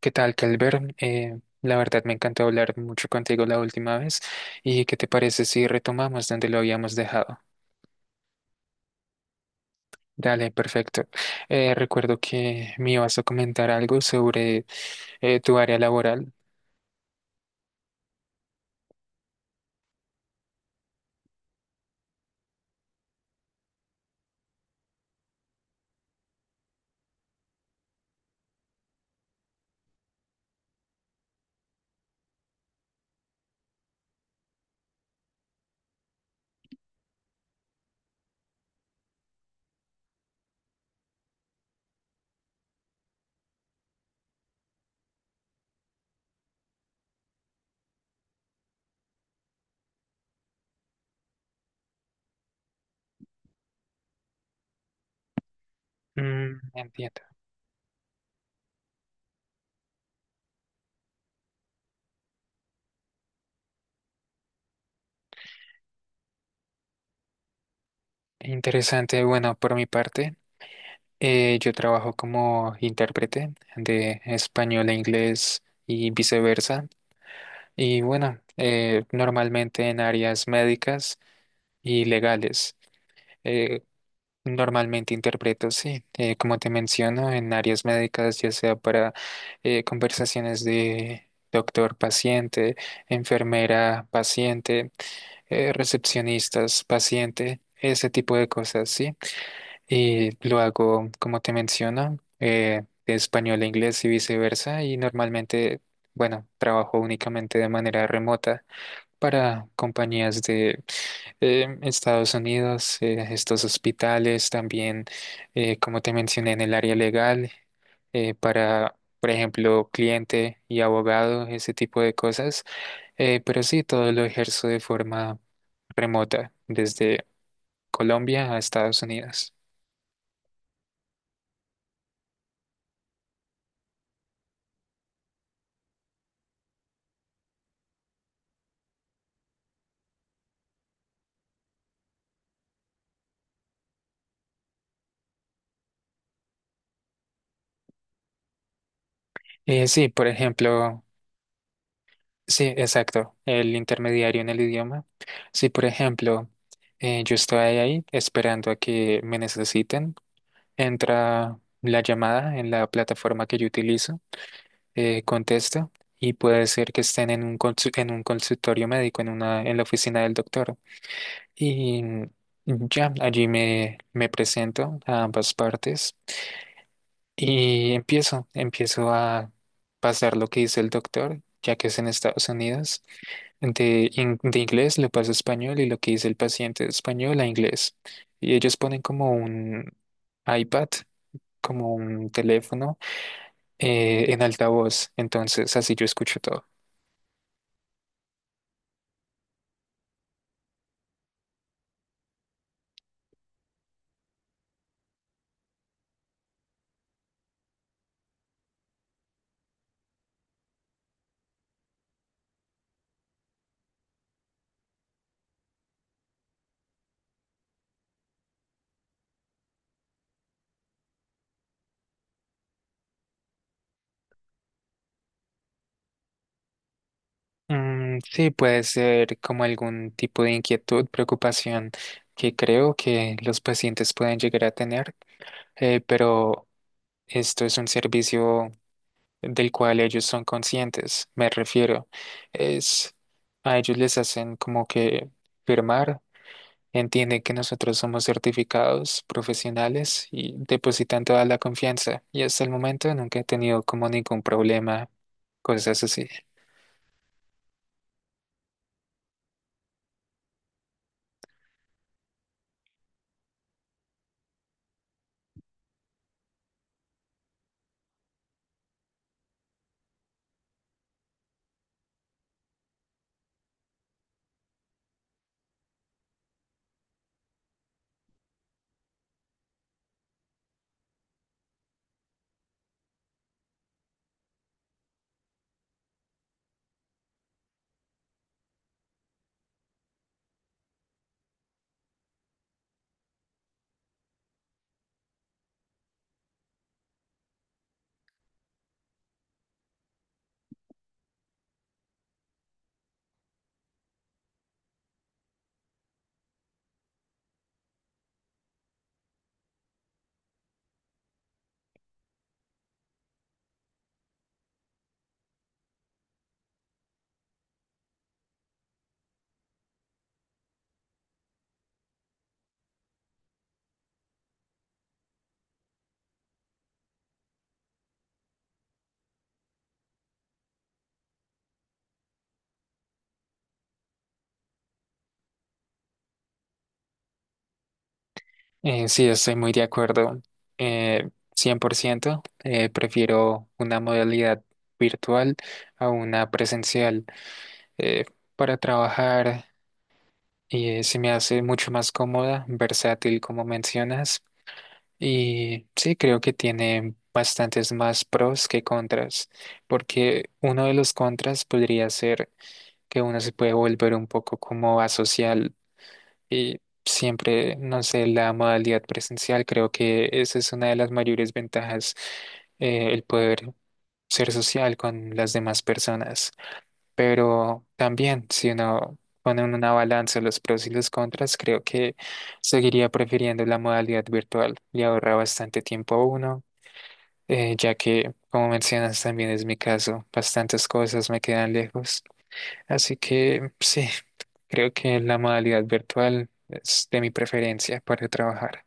¿Qué tal, Calver? La verdad me encantó hablar mucho contigo la última vez. ¿Y qué te parece si retomamos donde lo habíamos dejado? Dale, perfecto. Recuerdo que me ibas a comentar algo sobre tu área laboral. Mm, entiendo. Interesante. Bueno, por mi parte, yo trabajo como intérprete de español a inglés y viceversa. Y bueno, normalmente en áreas médicas y legales. Eh, Normalmente interpreto, sí. Como te menciono, en áreas médicas, ya sea para conversaciones de doctor-paciente, enfermera-paciente, recepcionistas-paciente, ese tipo de cosas, sí. Y lo hago, como te menciono, de español a inglés y viceversa. Y normalmente, bueno, trabajo únicamente de manera remota para compañías Estados Unidos, estos hospitales también, como te mencioné, en el área legal, para, por ejemplo, cliente y abogado, ese tipo de cosas. Pero sí, todo lo ejerzo de forma remota, desde Colombia a Estados Unidos. Sí, por ejemplo, sí, exacto, el intermediario en el idioma. Sí, por ejemplo, yo estoy ahí esperando a que me necesiten. Entra la llamada en la plataforma que yo utilizo, contesta y puede ser que estén en un, en un consultorio médico, en una, en la oficina del doctor. Y ya, allí me, me presento a ambas partes y empiezo a pasar lo que dice el doctor, ya que es en Estados Unidos. De, de inglés lo paso a español y lo que dice el paciente de español a inglés. Y ellos ponen como un iPad como un teléfono en altavoz, entonces así yo escucho todo. Mm, sí, puede ser como algún tipo de inquietud, preocupación que creo que los pacientes pueden llegar a tener, pero esto es un servicio del cual ellos son conscientes, me refiero. Es a ellos les hacen como que firmar, entienden que nosotros somos certificados profesionales y depositan toda la confianza. Y hasta el momento nunca he tenido como ningún problema, cosas así. Sí, estoy muy de acuerdo. Eh, 100%, prefiero una modalidad virtual a una presencial eh, para trabajar y se me hace mucho más cómoda, versátil como mencionas, y sí creo que tiene bastantes más pros que contras, porque uno de los contras podría ser que uno se puede volver un poco como asocial y siempre, no sé, la modalidad presencial, creo que esa es una de las mayores ventajas, el poder ser social con las demás personas. Pero también, si uno pone en una balanza los pros y los contras, creo que seguiría prefiriendo la modalidad virtual. Le ahorra bastante tiempo a uno, ya que, como mencionas, también es mi caso, bastantes cosas me quedan lejos. Así que sí, creo que la modalidad virtual es de mi preferencia para trabajar.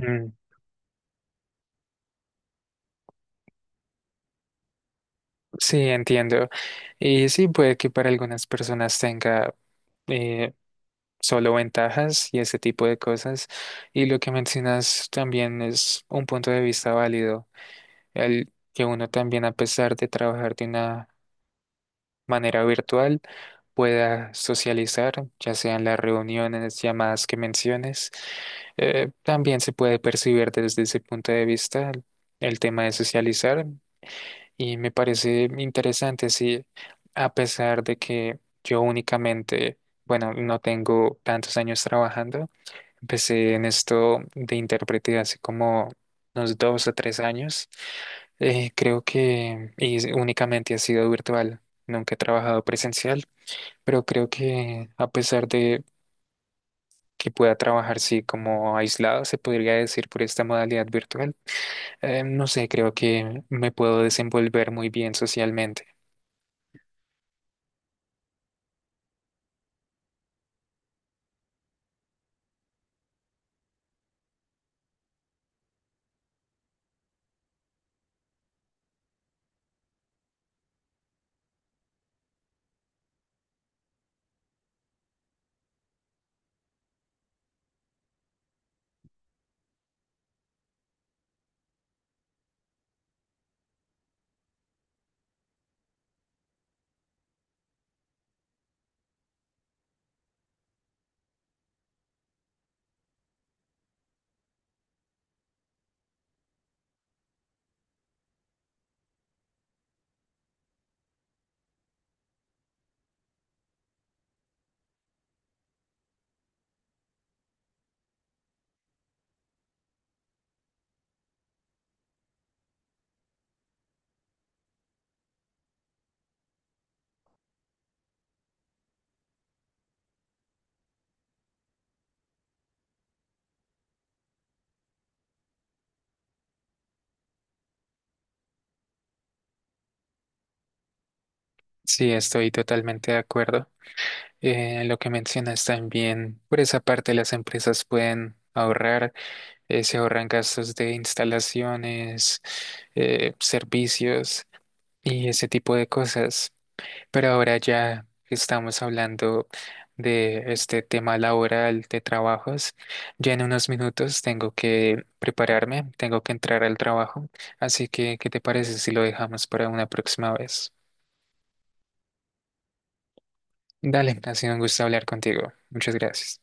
Mm, sí, entiendo. Y sí, puede que para algunas personas tenga eh, solo ventajas y ese tipo de cosas. Y lo que mencionas también es un punto de vista válido, el que uno también, a pesar de trabajar de una manera virtual, pueda socializar, ya sean las reuniones, llamadas que menciones. También se puede percibir desde ese punto de vista el tema de socializar y me parece interesante, sí, a pesar de que yo únicamente, bueno, no tengo tantos años trabajando. Empecé en esto de intérprete hace como unos 2 o 3 años. Creo que y únicamente ha sido virtual. Nunca he trabajado presencial, pero creo que a pesar de que pueda trabajar, sí, como aislado, se podría decir por esta modalidad virtual, no sé, creo que me puedo desenvolver muy bien socialmente. Sí, estoy totalmente de acuerdo. Lo que mencionas también, por esa parte las empresas pueden ahorrar se ahorran gastos de instalaciones, servicios y ese tipo de cosas. Pero ahora ya que estamos hablando de este tema laboral de trabajos. Ya en unos minutos tengo que prepararme, tengo que entrar al trabajo. Así que, ¿qué te parece si lo dejamos para una próxima vez? Dale, ha sido un gusto hablar contigo. Muchas gracias.